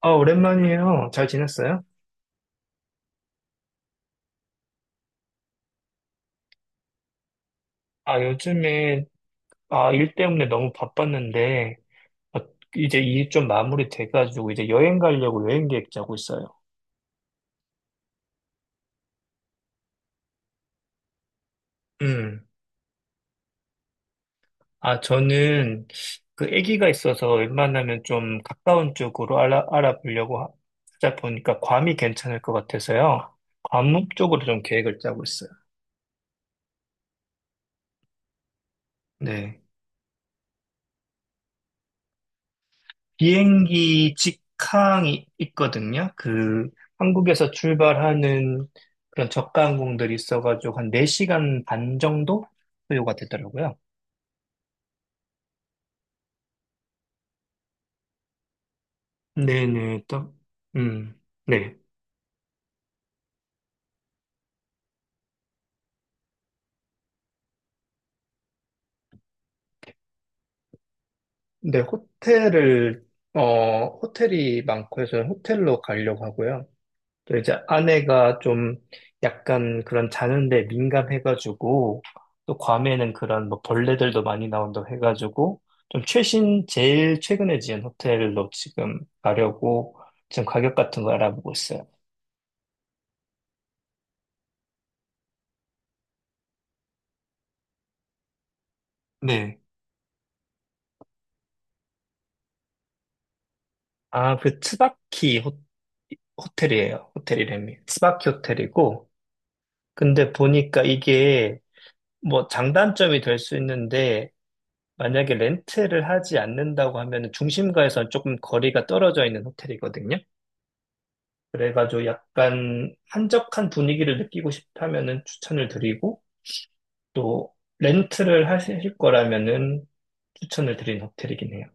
오랜만이에요. 잘 지냈어요? 요즘에, 일 때문에 너무 바빴는데, 아, 이제 일 좀 마무리 돼가지고, 이제 여행 가려고 여행 계획 짜고 있어요. 음. 저는 그 아기가 있어서 웬만하면 좀 가까운 쪽으로 알아보려고 하다 보니까 괌이 괜찮을 것 같아서요. 괌 쪽으로 좀 계획을 짜고 있어요. 네. 비행기 직항이 있거든요. 그 한국에서 출발하는 그런 저가 항공들이 있어가지고 한 4시간 반 정도 소요가 되더라고요. 네네, 또, 음, 네. 네, 어, 호텔이 많고 해서 호텔로 가려고 하고요. 또 이제 아내가 좀 약간 그런 자는데 민감해가지고, 또 괌에는 그런 뭐 벌레들도 많이 나온다고 해가지고 좀 최신 제일 최근에 지은 호텔로 지금 가려고 지금 가격 같은 거 알아보고 있어요. 네. 아, 그 호텔이에요. 호텔이름이 츠바키 호텔이고, 근데 보니까 이게 뭐 장단점이 될 수 있는데, 만약에 렌트를 하지 않는다고 하면 중심가에서 조금 거리가 떨어져 있는 호텔이거든요. 그래가지고 약간 한적한 분위기를 느끼고 싶다면은 추천을 드리고, 또 렌트를 하실 거라면은 추천을 드린 호텔이긴 해요.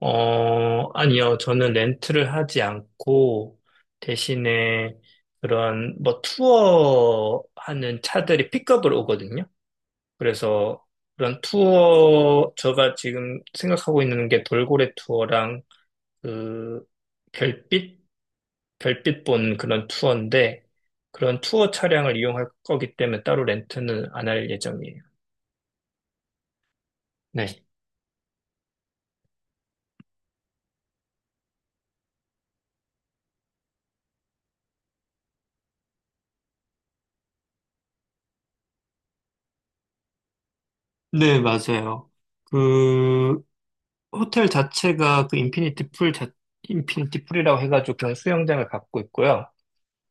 어, 아니요. 저는 렌트를 하지 않고 대신에 그런 뭐 투어 하는 차들이 픽업을 오거든요. 그래서 그런 투어, 제가 지금 생각하고 있는 게 돌고래 투어랑 그 별빛, 별빛 본 그런 투어인데, 그런 투어 차량을 이용할 거기 때문에 따로 렌트는 안 할 예정이에요. 네. 네, 맞아요. 그 호텔 자체가 그 인피니티 풀이라고 해가지고 그런 수영장을 갖고 있고요.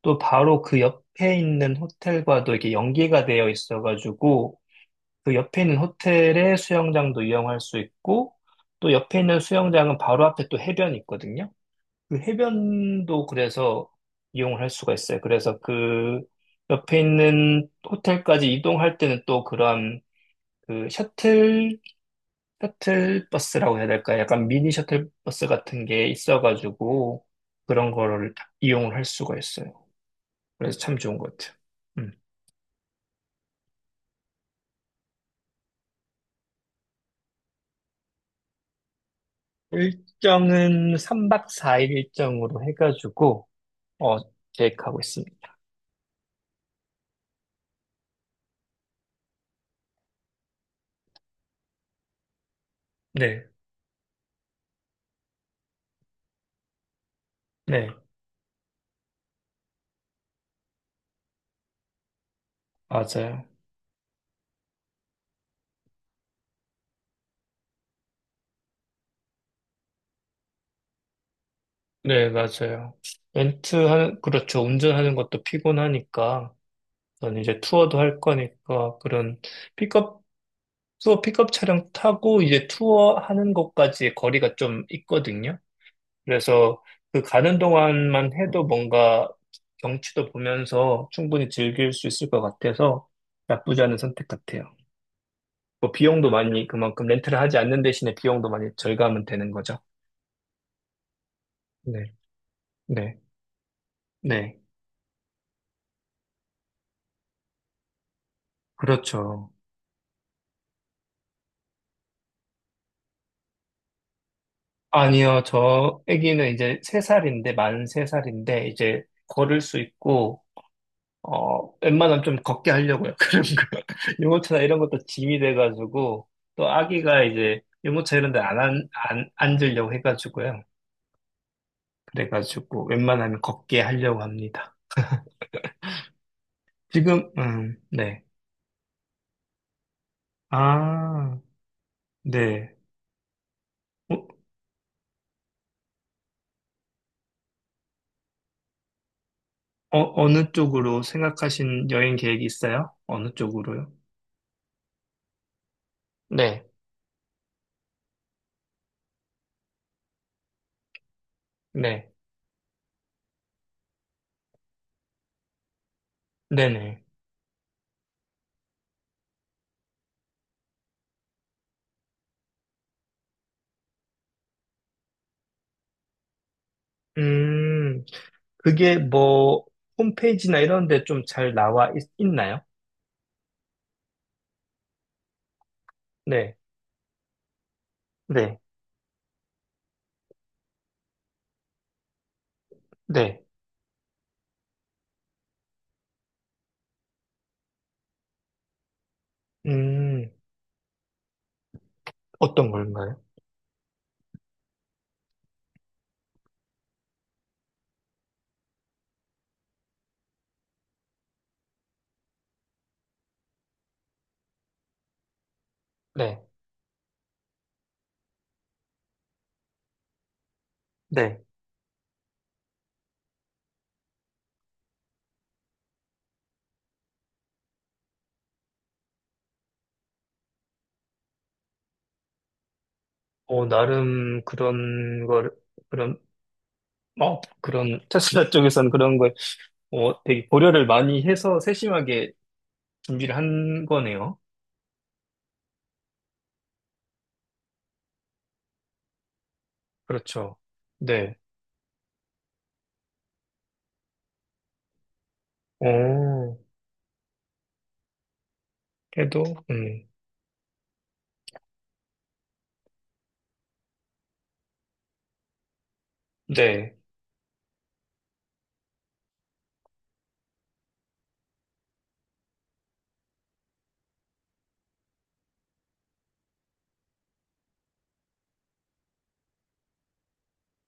또 바로 그 옆에 있는 호텔과도 이렇게 연계가 되어 있어가지고 그 옆에 있는 호텔에 수영장도 이용할 수 있고, 또 옆에 있는 수영장은 바로 앞에 또 해변이 있거든요. 그 해변도 그래서 이용을 할 수가 있어요. 그래서 그 옆에 있는 호텔까지 이동할 때는 또 그런 그 셔틀 버스라고 해야 될까요? 약간 미니 셔틀 버스 같은 게 있어가지고 그런 거를 다 이용을 할 수가 있어요. 그래서 참 좋은 것 같아요. 음. 일정은 3박 4일 일정으로 해가지고 어, 계획하고 있습니다. 네, 네, 맞아요. 네, 맞아요. 렌트하는, 그렇죠. 운전하는 것도 피곤하니까, 저는 이제 투어도 할 거니까, 그런 픽업, 투어 픽업 차량 타고 이제 투어 하는 것까지 거리가 좀 있거든요. 그래서 그 가는 동안만 해도 뭔가 경치도 보면서 충분히 즐길 수 있을 것 같아서 나쁘지 않은 선택 같아요. 뭐 비용도 많이 그만큼 렌트를 하지 않는 대신에 비용도 많이 절감은 되는 거죠. 네. 네, 네, 그렇죠. 아니요, 저 아기는 이제 세살인데 이제 걸을 수 있고, 어, 웬만하면 좀 걷게 하려고요. 그런 거. 유모차나 이런 것도 짐이 돼가지고, 또 아기가 이제 유모차 이런 데 안 앉으려고 해가지고요. 그래가지고 웬만하면 걷게 하려고 합니다. 지금, 네. 아, 네. 어, 어, 어느 쪽으로 생각하신 여행 계획이 있어요? 어느 쪽으로요? 네, 네. 네네. 음, 그게 뭐, 홈페이지나 이런 데 좀 잘 나와 있, 나요? 네, 네, 네. 음, 어떤 걸까요? 네, 네. 어, 나름 그런, 그런, 테슬라 쪽에서는 되게 고려를 많이 해서 세심하게 준비를 한 거네요. 그렇죠. 네. 어, 그래도, 음, 네,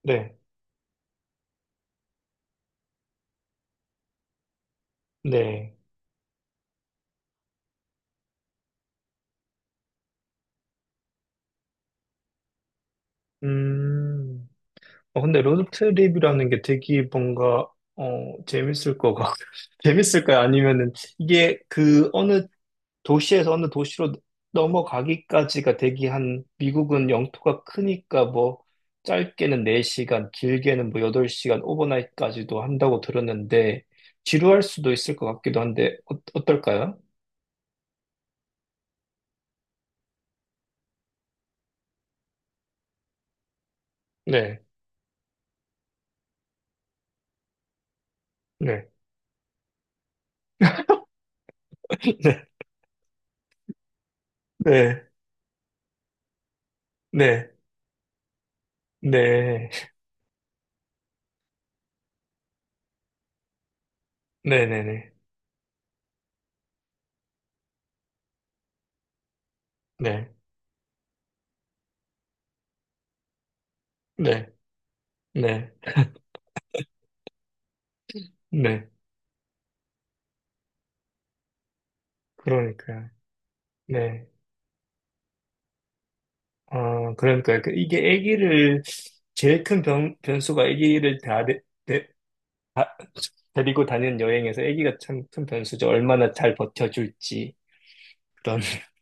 네, 네. 음. 어, 근데 로드트립이라는 게 되게 뭔가, 어, 재밌을 것 같, 재밌을까요? 아니면은 이게 그 어느 도시에서 어느 도시로 넘어가기까지가 되게 한, 미국은 영토가 크니까 뭐, 짧게는 4시간, 길게는 뭐 8시간, 오버나잇까지도 한다고 들었는데, 지루할 수도 있을 것 같기도 한데, 어, 어떨까요? 네, 네, 네, 네, 네, 네, 네, 네, 네, 네, 네, 네, 네, 그러니까요. 네. 어, 그러니까 그 이게 아기를 제일 변수가 아기를 다 데리고 다니는 여행에서 아기가 참 큰 변수죠. 얼마나 잘 버텨줄지 그런.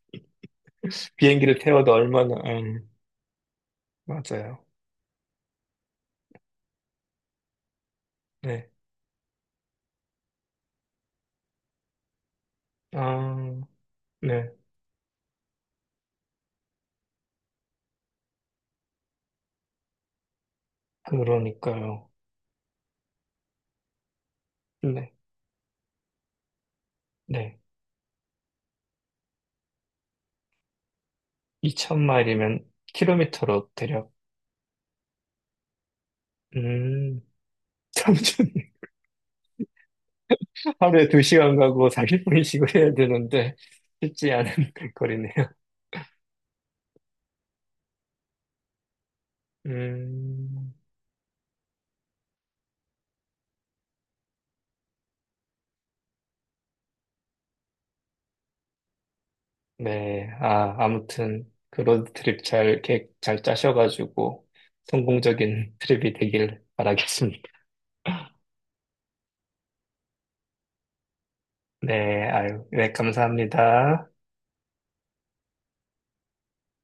비행기를 태워도 얼마나 맞아요. 네. 아, 네. 그러니까요. 네. 네. 2천 마일이면 킬로미터로 대략 음, 참좋 하루에 2시간 가고 40분씩 쉬고 해야 되는데 쉽지 않은 거리네요. 음. 네, 아, 아무튼 그 로드트립 잘 계획 잘 짜셔가지고 성공적인 트립이 되길 바라겠습니다. 네, 아유, 네, 감사합니다.